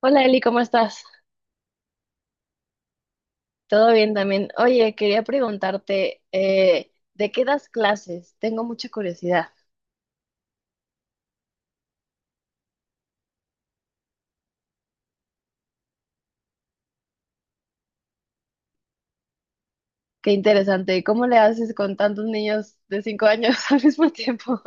Hola Eli, ¿cómo estás? Todo bien también. Oye, quería preguntarte, ¿de qué das clases? Tengo mucha curiosidad. Qué interesante. ¿Y cómo le haces con tantos niños de 5 años al mismo tiempo?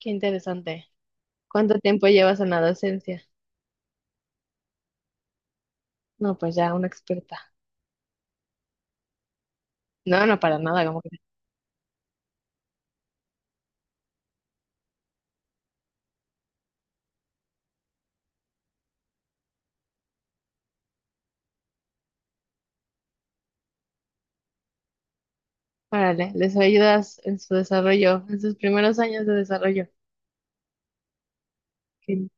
Qué interesante. ¿Cuánto tiempo llevas en la docencia? No, pues ya, una experta. No, no, para nada, como que. Órale, les ayudas en su desarrollo, en sus primeros años de desarrollo. Sí,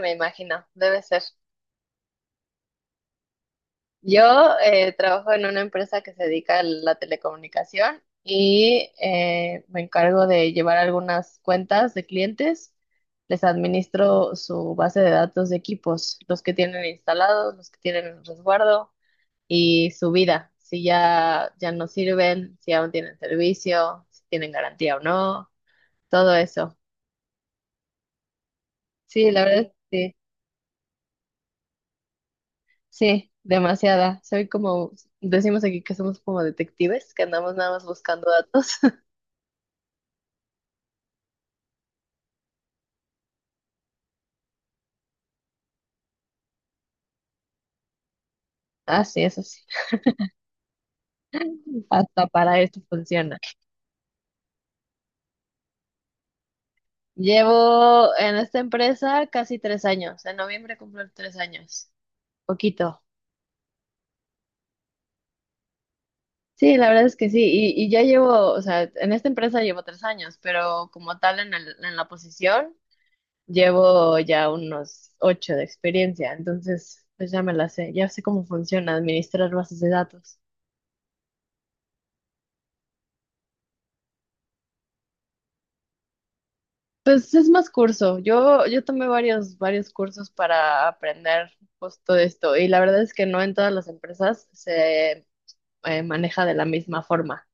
me imagino, debe ser. Yo trabajo en una empresa que se dedica a la telecomunicación y me encargo de llevar algunas cuentas de clientes. Les administro su base de datos de equipos, los que tienen instalados, los que tienen en resguardo y su vida, si ya no sirven, si aún tienen servicio, si tienen garantía o no, todo eso. Sí, la verdad, sí, sí, demasiada. Soy como, decimos aquí que somos como detectives, que andamos nada más buscando datos. Así es, así. Hasta para esto funciona. Llevo en esta empresa casi 3 años. En noviembre cumplo 3 años. Poquito. Sí, la verdad es que sí. Y ya llevo, o sea, en esta empresa llevo 3 años, pero como tal en en la posición llevo ya unos ocho de experiencia. Entonces, pues ya me la sé. Ya sé cómo funciona administrar bases de datos. Pues es más curso. Yo tomé varios cursos para aprender justo esto y la verdad es que no en todas las empresas se maneja de la misma forma,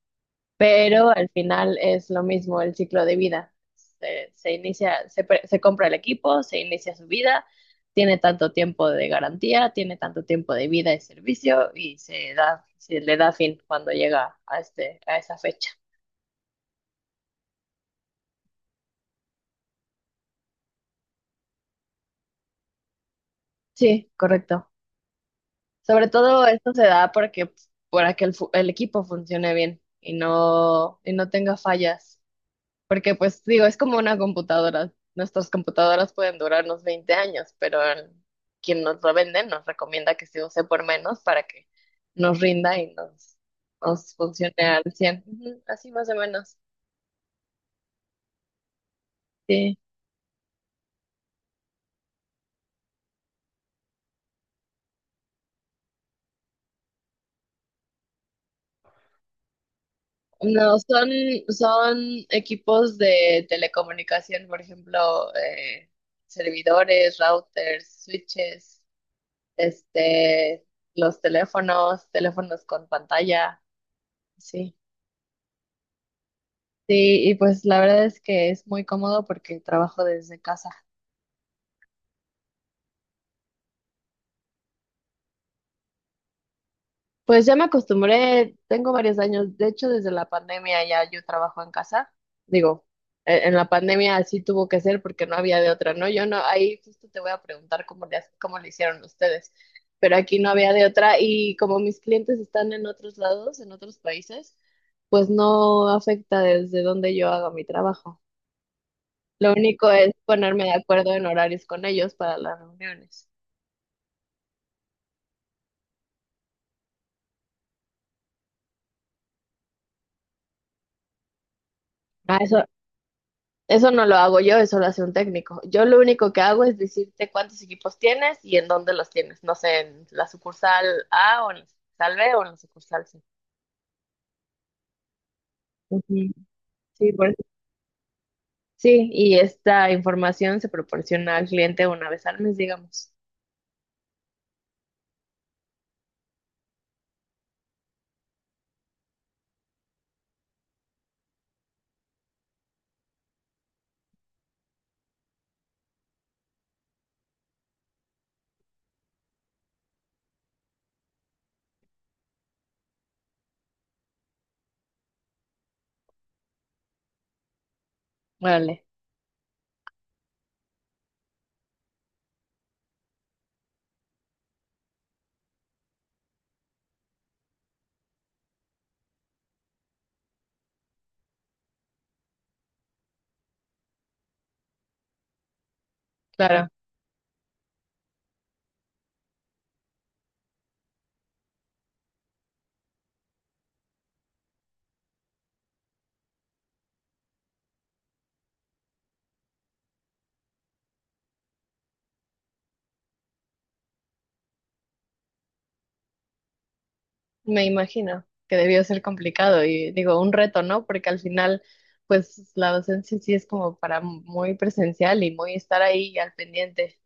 pero al final es lo mismo el ciclo de vida. Se inicia, se compra el equipo, se inicia su vida, tiene tanto tiempo de garantía, tiene tanto tiempo de vida y servicio y se le da fin cuando llega a este, a esa fecha. Sí, correcto. Sobre todo esto se da porque pues, para que el equipo funcione bien y no tenga fallas. Porque pues digo, es como una computadora. Nuestras computadoras pueden durarnos 20 años, pero quien nos lo vende nos recomienda que se use por menos para que nos rinda y nos funcione al 100. Ujú. Así más o menos. Sí. No, son equipos de telecomunicación, por ejemplo, servidores, routers, switches. este, los teléfonos, teléfonos con pantalla, sí. Sí, y pues la verdad es que es muy cómodo porque trabajo desde casa. Pues ya me acostumbré, tengo varios años, de hecho desde la pandemia ya yo trabajo en casa, digo, en la pandemia así tuvo que ser porque no había de otra, ¿no? Yo no, ahí justo te voy a preguntar cómo le hicieron ustedes, pero aquí no había de otra y como mis clientes están en otros lados, en otros países, pues no afecta desde donde yo haga mi trabajo. Lo único es ponerme de acuerdo en horarios con ellos para las reuniones. Ah, eso. Eso no lo hago yo, eso lo hace un técnico. Yo lo único que hago es decirte cuántos equipos tienes y en dónde los tienes. No sé, en la sucursal A o en la sucursal B o en la sucursal C. Ujú. Sí, por eso. Sí, y esta información se proporciona al cliente una vez al mes, digamos. Vale, claro. Me imagino que debió ser complicado y digo, un reto, ¿no? Porque al final, pues la docencia sí es como para muy presencial y muy estar ahí al pendiente.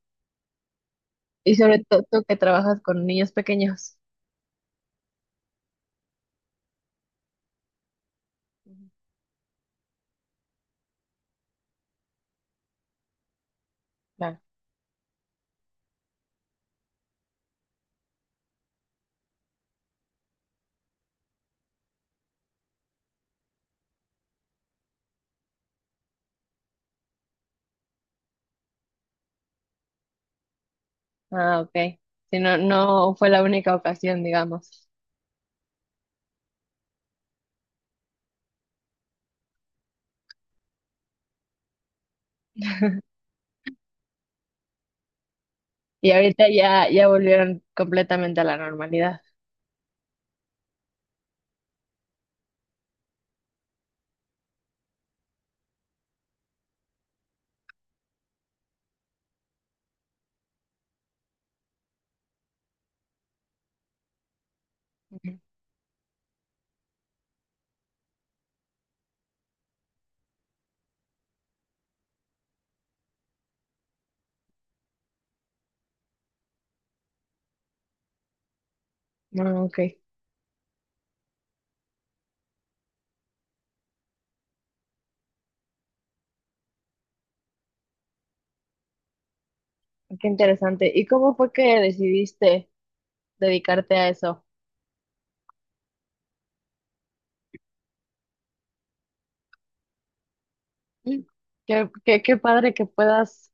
Y sobre todo tú que trabajas con niños pequeños. Ujú. Claro. Ah, ok. Si no, no fue la única ocasión, digamos. Y ahorita ya volvieron completamente a la normalidad. Ujú. Ah, ok. Qué interesante. ¿Y cómo fue que decidiste dedicarte a eso? Mm. Qué padre que puedas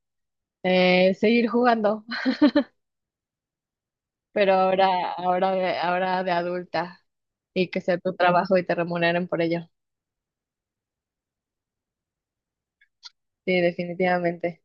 seguir jugando, pero ahora de adulta y que sea tu trabajo y te remuneren por ello. Sí, definitivamente.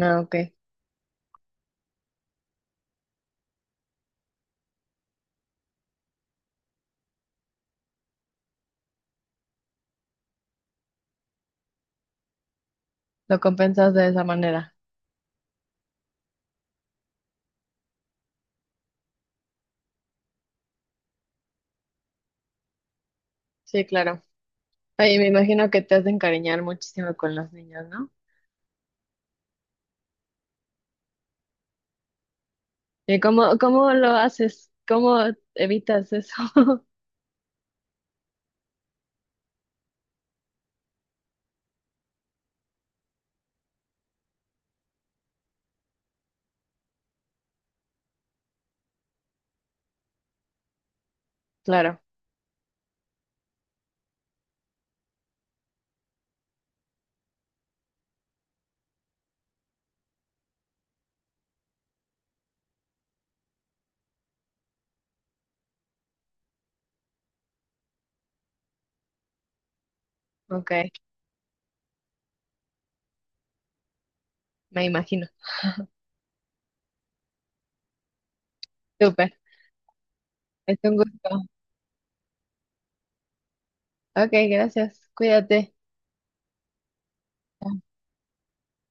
Ah, ok. Lo compensas de esa manera. Sí, claro. Oye, me imagino que te has de encariñar muchísimo con los niños, ¿no? ¿Y cómo lo haces? ¿Cómo evitas eso? Claro, ok, me imagino. Súper, es un gusto. Ok, gracias, cuídate.